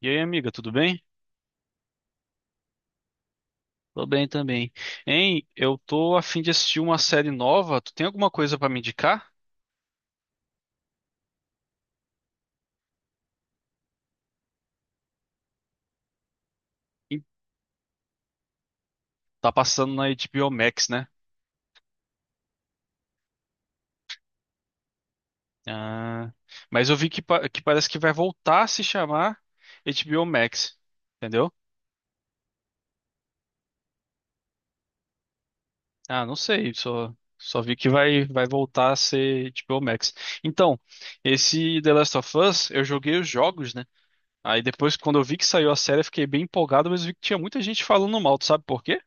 E aí, amiga, tudo bem? Tô bem também. Hein, eu tô a fim de assistir uma série nova. Tu tem alguma coisa pra me indicar? Ih, tá passando na HBO Max, né? Ah, mas eu vi que, que parece que vai voltar a se chamar HBO Max, entendeu? Ah, não sei, só vi que vai voltar a ser HBO Max. Então, esse The Last of Us, eu joguei os jogos, né? Aí depois, quando eu vi que saiu a série, eu fiquei bem empolgado, mas eu vi que tinha muita gente falando mal. Tu sabe por quê?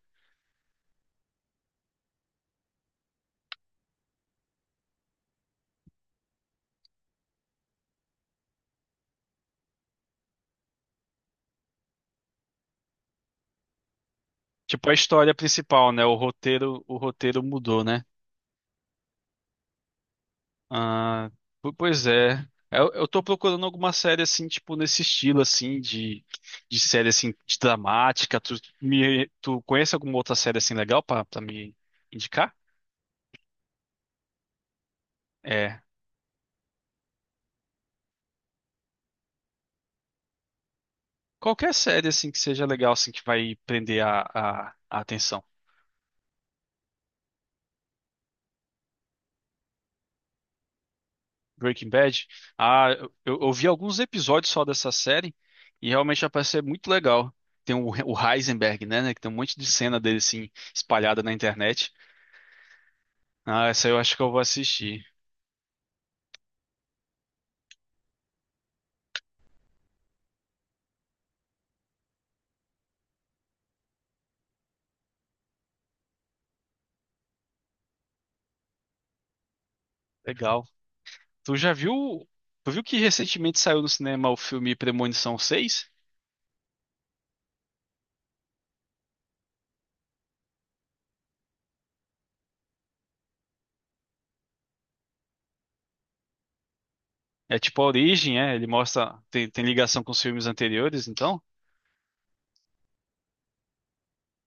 Tipo, a história principal, né? O roteiro mudou, né? Ah, pois é. Eu tô procurando alguma série assim, tipo, nesse estilo assim de série assim de dramática. Tu, me, tu conhece alguma outra série assim legal pra, pra me indicar? É. Qualquer série assim que seja legal assim que vai prender a atenção. Breaking Bad. Ah, eu vi alguns episódios só dessa série e realmente já parece ser muito legal. Tem o Heisenberg, né, né, que tem um monte de cena dele assim espalhada na internet. Ah, essa eu acho que eu vou assistir. Legal. Tu já viu? Tu viu que recentemente saiu no cinema o filme Premonição 6? É tipo a origem, é? Ele mostra tem, tem ligação com os filmes anteriores, então.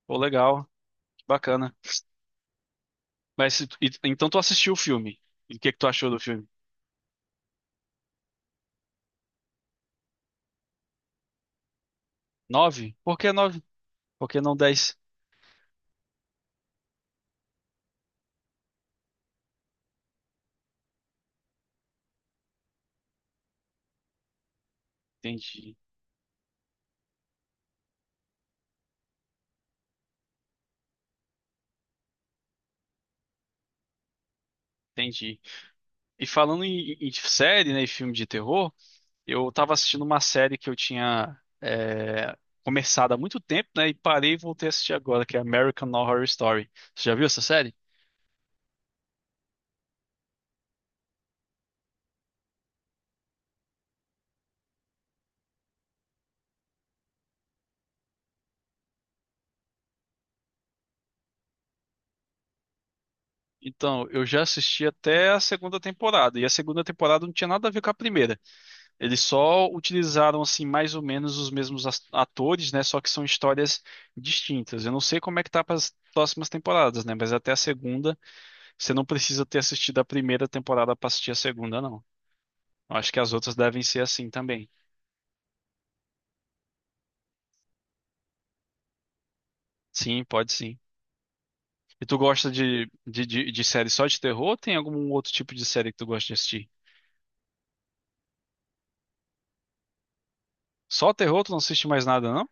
Pô, legal, que bacana. Mas se então tu assistiu o filme? E o que que tu achou do filme? Nove? Por que nove? Por que não dez? Entendi. Entendi. E falando em, em série, né, e filme de terror, eu tava assistindo uma série que eu tinha é, começado há muito tempo, né, e parei e voltei a assistir agora, que é American Horror Story. Você já viu essa série? Então, eu já assisti até a segunda temporada, e a segunda temporada não tinha nada a ver com a primeira. Eles só utilizaram, assim, mais ou menos os mesmos atores, né, só que são histórias distintas. Eu não sei como é que tá para as próximas temporadas, né, mas até a segunda você não precisa ter assistido a primeira temporada pra assistir a segunda, não. Eu acho que as outras devem ser assim também. Sim, pode sim. E tu gosta de série só de terror ou tem algum outro tipo de série que tu gosta de assistir? Só terror, tu não assiste mais nada, não?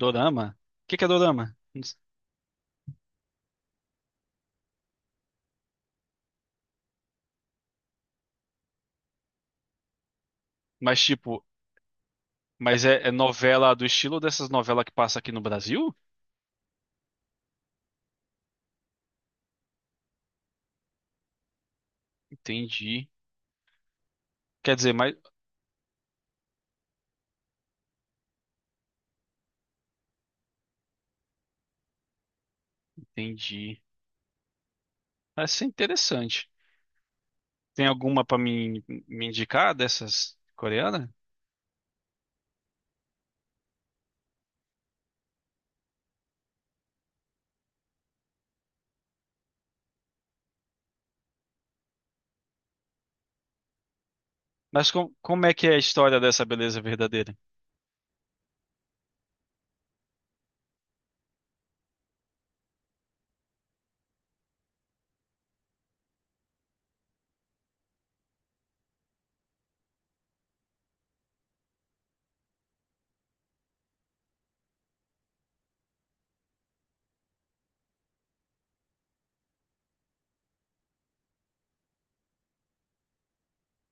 Dorama? O que que é dorama? Mas tipo, mas é, é novela do estilo dessas novelas que passa aqui no Brasil? Entendi. Quer dizer, mas entendi. Vai ser interessante. Tem alguma pra me, me indicar dessas coreanas? Mas com, como é que é a história dessa beleza verdadeira?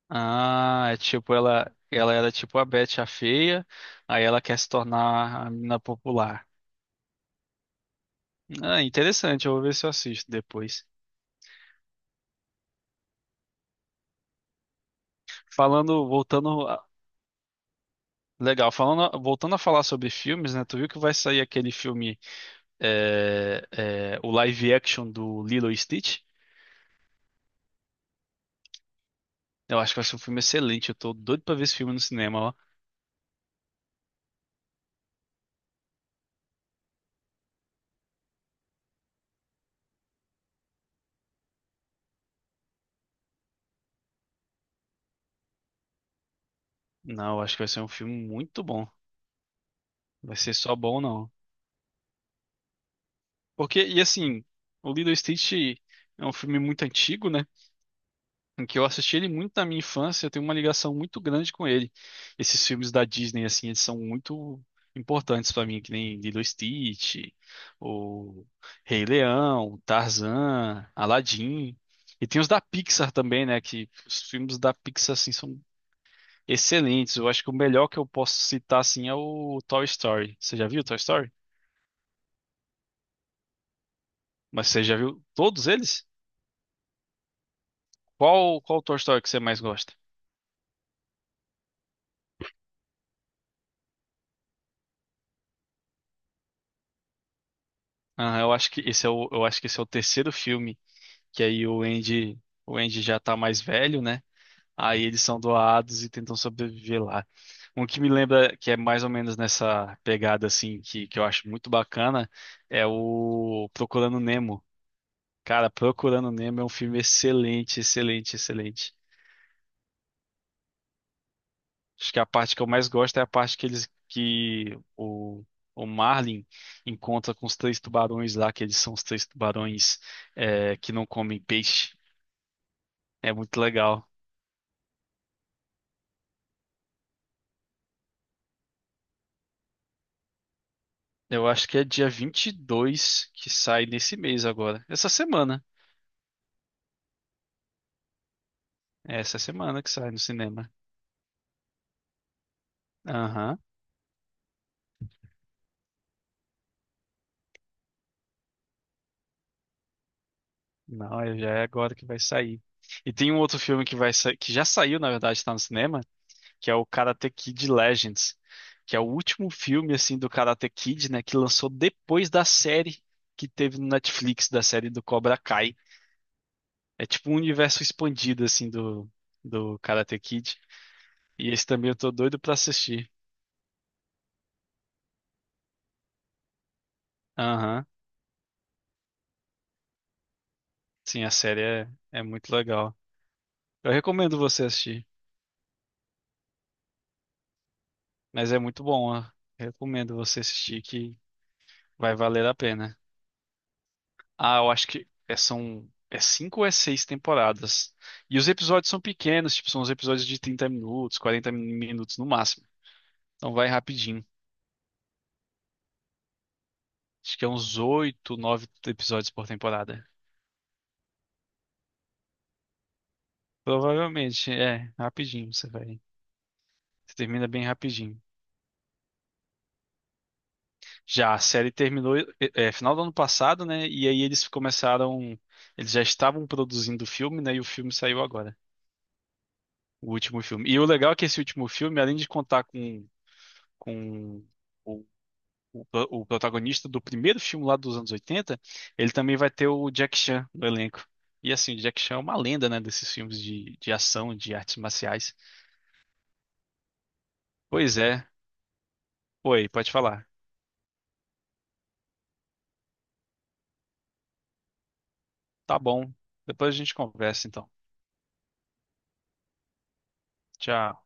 Ah, é tipo, ela era tipo a Betty a feia, aí ela quer se tornar a menina popular. Ah, interessante, eu vou ver se eu assisto depois. Falando, voltando legal, falando, voltando a falar sobre filmes, né? Tu viu que vai sair aquele filme, é, é, o live action do Lilo e Stitch? Eu acho que vai ser um filme excelente. Eu tô doido pra ver esse filme no cinema, ó. Não, eu acho que vai ser um filme muito bom. Vai ser só bom, não. Porque, e assim, o Lilo e Stitch é um filme muito antigo, né? Em que eu assisti ele muito na minha infância, eu tenho uma ligação muito grande com ele. Esses filmes da Disney, assim, eles são muito importantes pra mim, que nem Lilo e Stitch, o Rei Leão, Tarzan, Aladdin. E tem os da Pixar também, né? Que os filmes da Pixar, assim, são excelentes. Eu acho que o melhor que eu posso citar, assim, é o Toy Story. Você já viu o Toy Story? Mas você já viu todos eles? Qual, qual Toy Story que você mais gosta? Ah, eu acho que esse é o, eu acho que esse é o terceiro filme, que aí o Andy já tá mais velho, né? Aí eles são doados e tentam sobreviver lá. Um que me lembra que é mais ou menos nessa pegada assim que eu acho muito bacana é o Procurando Nemo. Cara, Procurando Nemo é um filme excelente, excelente, excelente. Acho que a parte que eu mais gosto é a parte que eles que o Marlin encontra com os três tubarões lá, que eles são os três tubarões é, que não comem peixe. É muito legal. Eu acho que é dia 22 que sai nesse mês agora. Essa semana. É essa semana que sai no cinema. Aham. Não, já é agora que vai sair. E tem um outro filme que vai que já saiu, na verdade, está no cinema, que é o Karate Kid Legends, que é o último filme assim do Karate Kid, né, que lançou depois da série que teve no Netflix, da série do Cobra Kai. É tipo um universo expandido assim do do Karate Kid. E esse também eu tô doido pra assistir. Aham. Sim, a série é, é muito legal. Eu recomendo você assistir, mas é muito bom, ó. Recomendo você assistir que vai valer a pena. Ah, eu acho que são cinco ou é seis temporadas. E os episódios são pequenos, tipo, são os episódios de 30 minutos, 40 minutos no máximo. Então vai rapidinho. Acho que é uns oito, nove episódios por temporada. Provavelmente, é, rapidinho você vai. Você termina bem rapidinho. Já a série terminou é, é, final do ano passado, né? E aí eles começaram. Eles já estavam produzindo o filme, né? E o filme saiu agora. O último filme. E o legal é que esse último filme, além de contar com o, o protagonista do primeiro filme lá dos anos 80 ele também vai ter o Jack Chan no elenco. E assim, o Jack Chan é uma lenda, né, desses filmes de ação, de artes marciais. Pois é. Oi, pode falar. Tá bom. Depois a gente conversa, então. Tchau.